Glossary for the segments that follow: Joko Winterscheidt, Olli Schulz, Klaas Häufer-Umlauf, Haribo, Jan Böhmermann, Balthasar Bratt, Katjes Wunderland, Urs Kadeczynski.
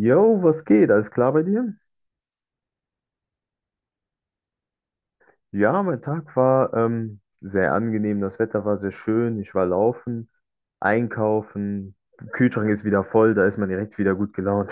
Jo, was geht? Alles klar bei dir? Ja, mein Tag war sehr angenehm. Das Wetter war sehr schön. Ich war laufen, einkaufen. Kühlschrank ist wieder voll. Da ist man direkt wieder gut gelaunt.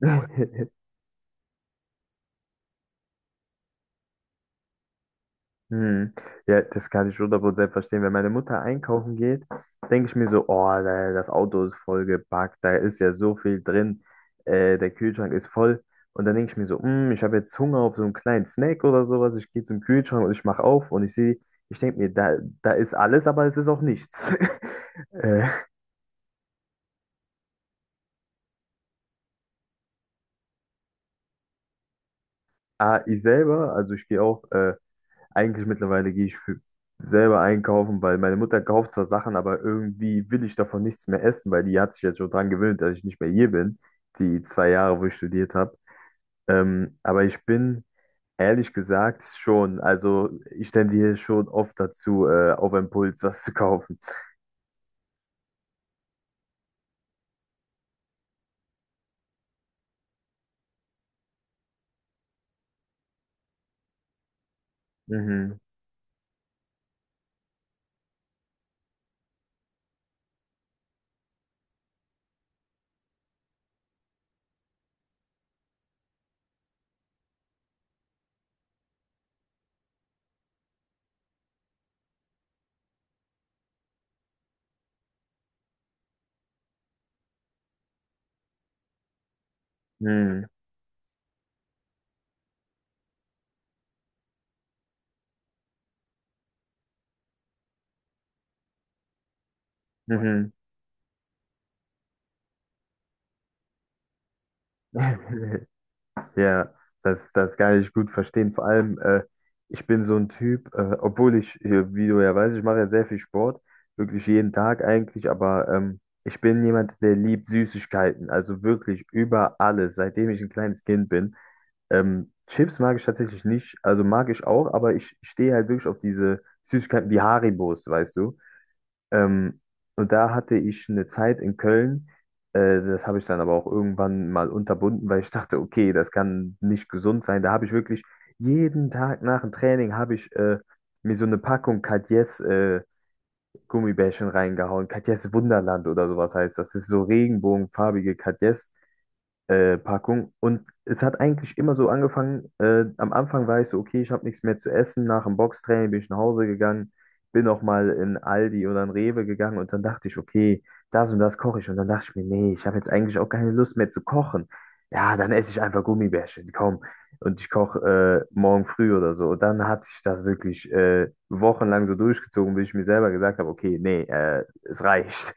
Hm. Ja, das kann ich 100% verstehen. Wenn meine Mutter einkaufen geht, denke ich mir so, oh, das Auto ist vollgepackt, da ist ja so viel drin, der Kühlschrank ist voll. Und dann denke ich mir so, ich habe jetzt Hunger auf so einen kleinen Snack oder sowas. Ich gehe zum Kühlschrank und ich mache auf und ich sehe, ich denke mir, da ist alles, aber es ist auch nichts. äh, ich selber, also ich gehe auch. Eigentlich mittlerweile gehe ich für selber einkaufen, weil meine Mutter kauft zwar Sachen, aber irgendwie will ich davon nichts mehr essen, weil die hat sich jetzt schon dran gewöhnt, dass ich nicht mehr hier bin, die 2 Jahre, wo ich studiert habe. Aber ich bin ehrlich gesagt schon, also ich tendiere schon oft dazu, auf Impuls was zu kaufen. Mhm. Mhm. Mhm. Ja, das kann ich gut verstehen. Vor allem, ich bin so ein Typ, obwohl ich, wie du ja weißt, ich mache ja sehr viel Sport, wirklich jeden Tag eigentlich, aber ich bin jemand, der liebt Süßigkeiten, also wirklich über alles, seitdem ich ein kleines Kind bin. Chips mag ich tatsächlich nicht, also mag ich auch, aber ich stehe halt wirklich auf diese Süßigkeiten wie Haribos, weißt du? Ähm, und da hatte ich eine Zeit in Köln. Das habe ich dann aber auch irgendwann mal unterbunden, weil ich dachte, okay, das kann nicht gesund sein. Da habe ich wirklich jeden Tag nach dem Training habe ich mir so eine Packung Katjes Gummibärchen reingehauen. Katjes Wunderland oder sowas heißt das. Das ist so regenbogenfarbige Katjes Packung. Und es hat eigentlich immer so angefangen. Am Anfang war ich so, okay, ich habe nichts mehr zu essen. Nach dem Boxtraining bin ich nach Hause gegangen, bin auch mal in Aldi oder in Rewe gegangen und dann dachte ich, okay, das und das koche ich. Und dann dachte ich mir, nee, ich habe jetzt eigentlich auch keine Lust mehr zu kochen. Ja, dann esse ich einfach Gummibärchen, komm. Und ich koche morgen früh oder so. Und dann hat sich das wirklich wochenlang so durchgezogen, bis ich mir selber gesagt habe, okay, nee, es reicht.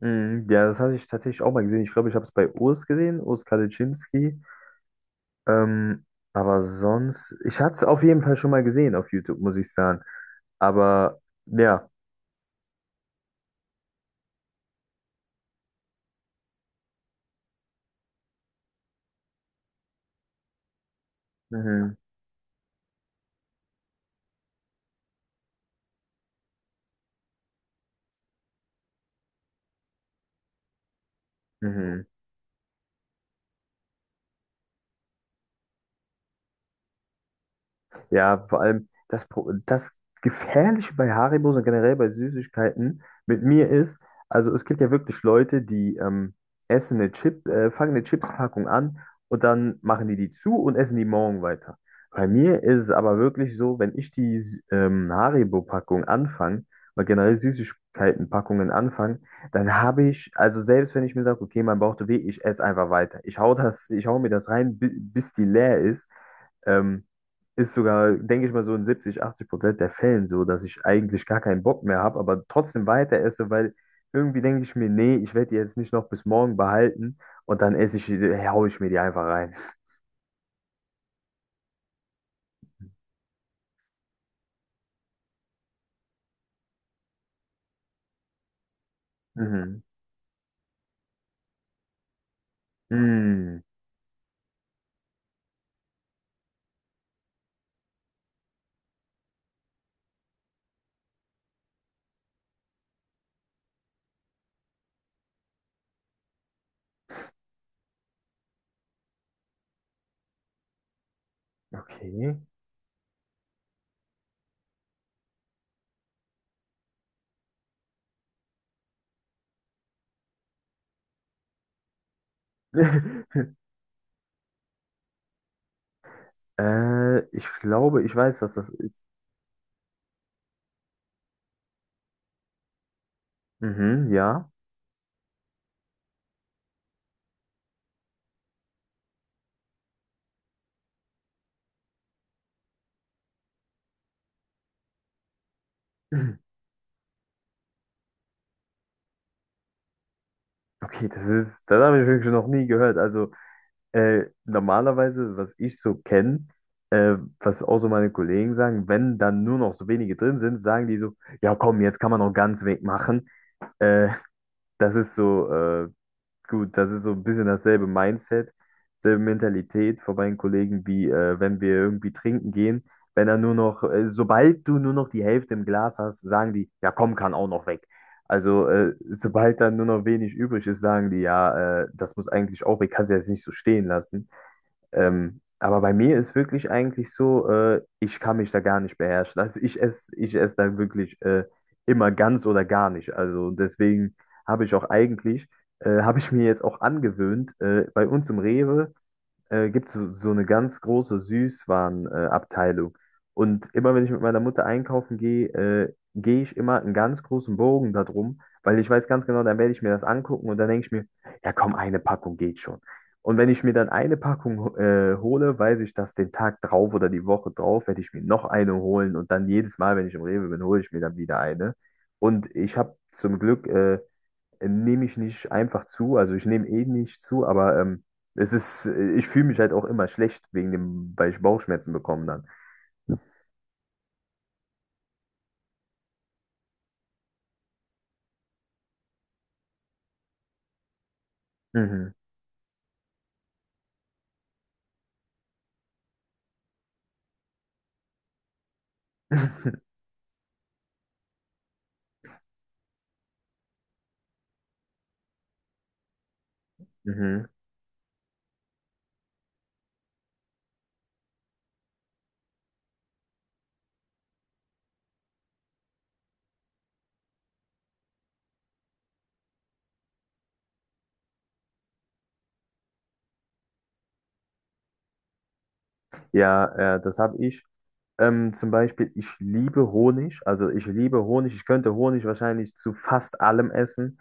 Mhm, ja, das hatte ich tatsächlich auch mal gesehen. Ich glaube, ich habe es bei Urs gesehen, Urs Kadeczynski. Ähm, aber sonst, ich hatte es auf jeden Fall schon mal gesehen auf YouTube, muss ich sagen. Aber ja, mhm, mhm. Ja, vor allem das Gefährliche bei Haribos und generell bei Süßigkeiten mit mir ist, also es gibt ja wirklich Leute, die essen eine Chip, fangen eine Chipspackung an und dann machen die die zu und essen die morgen weiter. Bei mir ist es aber wirklich so, wenn ich die Haribo-Packung anfange, oder generell Süßigkeiten-Packungen anfange, dann habe ich, also selbst wenn ich mir sage, okay, mein Bauch tut weh, ich esse einfach weiter. Ich hau das, ich hau mir das rein, bis die leer ist. Ähm, ist sogar, denke ich mal, so in 70-80% der Fällen so, dass ich eigentlich gar keinen Bock mehr habe, aber trotzdem weiter esse, weil irgendwie denke ich mir, nee, ich werde die jetzt nicht noch bis morgen behalten und dann esse ich, hau ich mir die einfach rein. Mhm. Mhm. Okay. Ich glaube, ich weiß, was das ist. Mhm, ja. Okay, das habe ich wirklich noch nie gehört. Also normalerweise, was ich so kenne, was auch so meine Kollegen sagen, wenn dann nur noch so wenige drin sind, sagen die so, ja komm, jetzt kann man noch ganz weg machen. Äh, das ist so, gut, das ist so ein bisschen dasselbe Mindset, selbe Mentalität von meinen Kollegen, wie wenn wir irgendwie trinken gehen. Wenn dann nur noch, sobald du nur noch die Hälfte im Glas hast, sagen die, ja komm, kann auch noch weg. Also, sobald dann nur noch wenig übrig ist, sagen die, ja, das muss eigentlich auch weg, kannst du jetzt nicht so stehen lassen. Aber bei mir ist wirklich eigentlich so, ich kann mich da gar nicht beherrschen. Also ich esse da wirklich immer ganz oder gar nicht. Also deswegen habe ich auch eigentlich, habe ich mir jetzt auch angewöhnt, bei uns im Rewe gibt es so eine ganz große Süßwarenabteilung. Abteilung. Und immer wenn ich mit meiner Mutter einkaufen gehe, gehe ich immer einen ganz großen Bogen darum, weil ich weiß ganz genau, dann werde ich mir das angucken und dann denke ich mir, ja komm, eine Packung geht schon. Und wenn ich mir dann eine Packung hole, weiß ich, dass den Tag drauf oder die Woche drauf werde ich mir noch eine holen und dann jedes Mal, wenn ich im Rewe bin, hole ich mir dann wieder eine. Und ich habe zum Glück nehme ich nicht einfach zu. Also ich nehme eh nicht zu, aber es ist, ich fühle mich halt auch immer schlecht wegen dem, weil ich Bauchschmerzen bekomme dann. Mhm. Mhm. Ja, das habe ich. Zum Beispiel, ich liebe Honig. Also ich liebe Honig. Ich könnte Honig wahrscheinlich zu fast allem essen.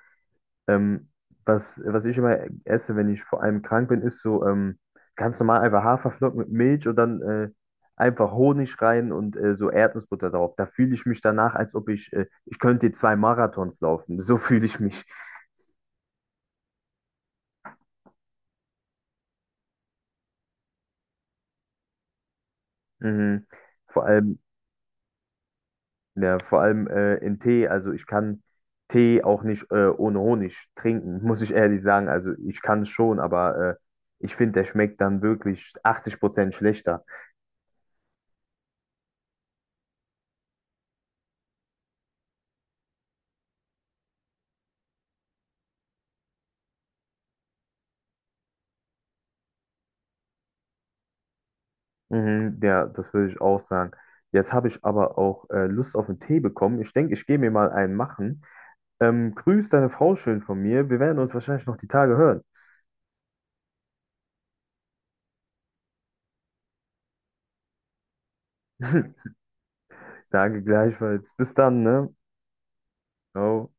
Ähm, was ich immer esse, wenn ich vor allem krank bin, ist so ganz normal einfach Haferflocken mit Milch und dann einfach Honig rein und so Erdnussbutter drauf. Da fühle ich mich danach, als ob ich könnte 2 Marathons laufen. So fühle ich mich. Mhm. Vor allem, ja, vor allem in Tee. Also ich kann Tee auch nicht ohne Honig trinken, muss ich ehrlich sagen. Also ich kann es schon, aber ich finde, der schmeckt dann wirklich 80% schlechter. Mhm, ja, das würde ich auch sagen. Jetzt habe ich aber auch Lust auf einen Tee bekommen. Ich denke, ich gehe mir mal einen machen. Grüß deine Frau schön von mir. Wir werden uns wahrscheinlich noch die Tage hören. Danke gleichfalls. Bis dann, ne? Ciao.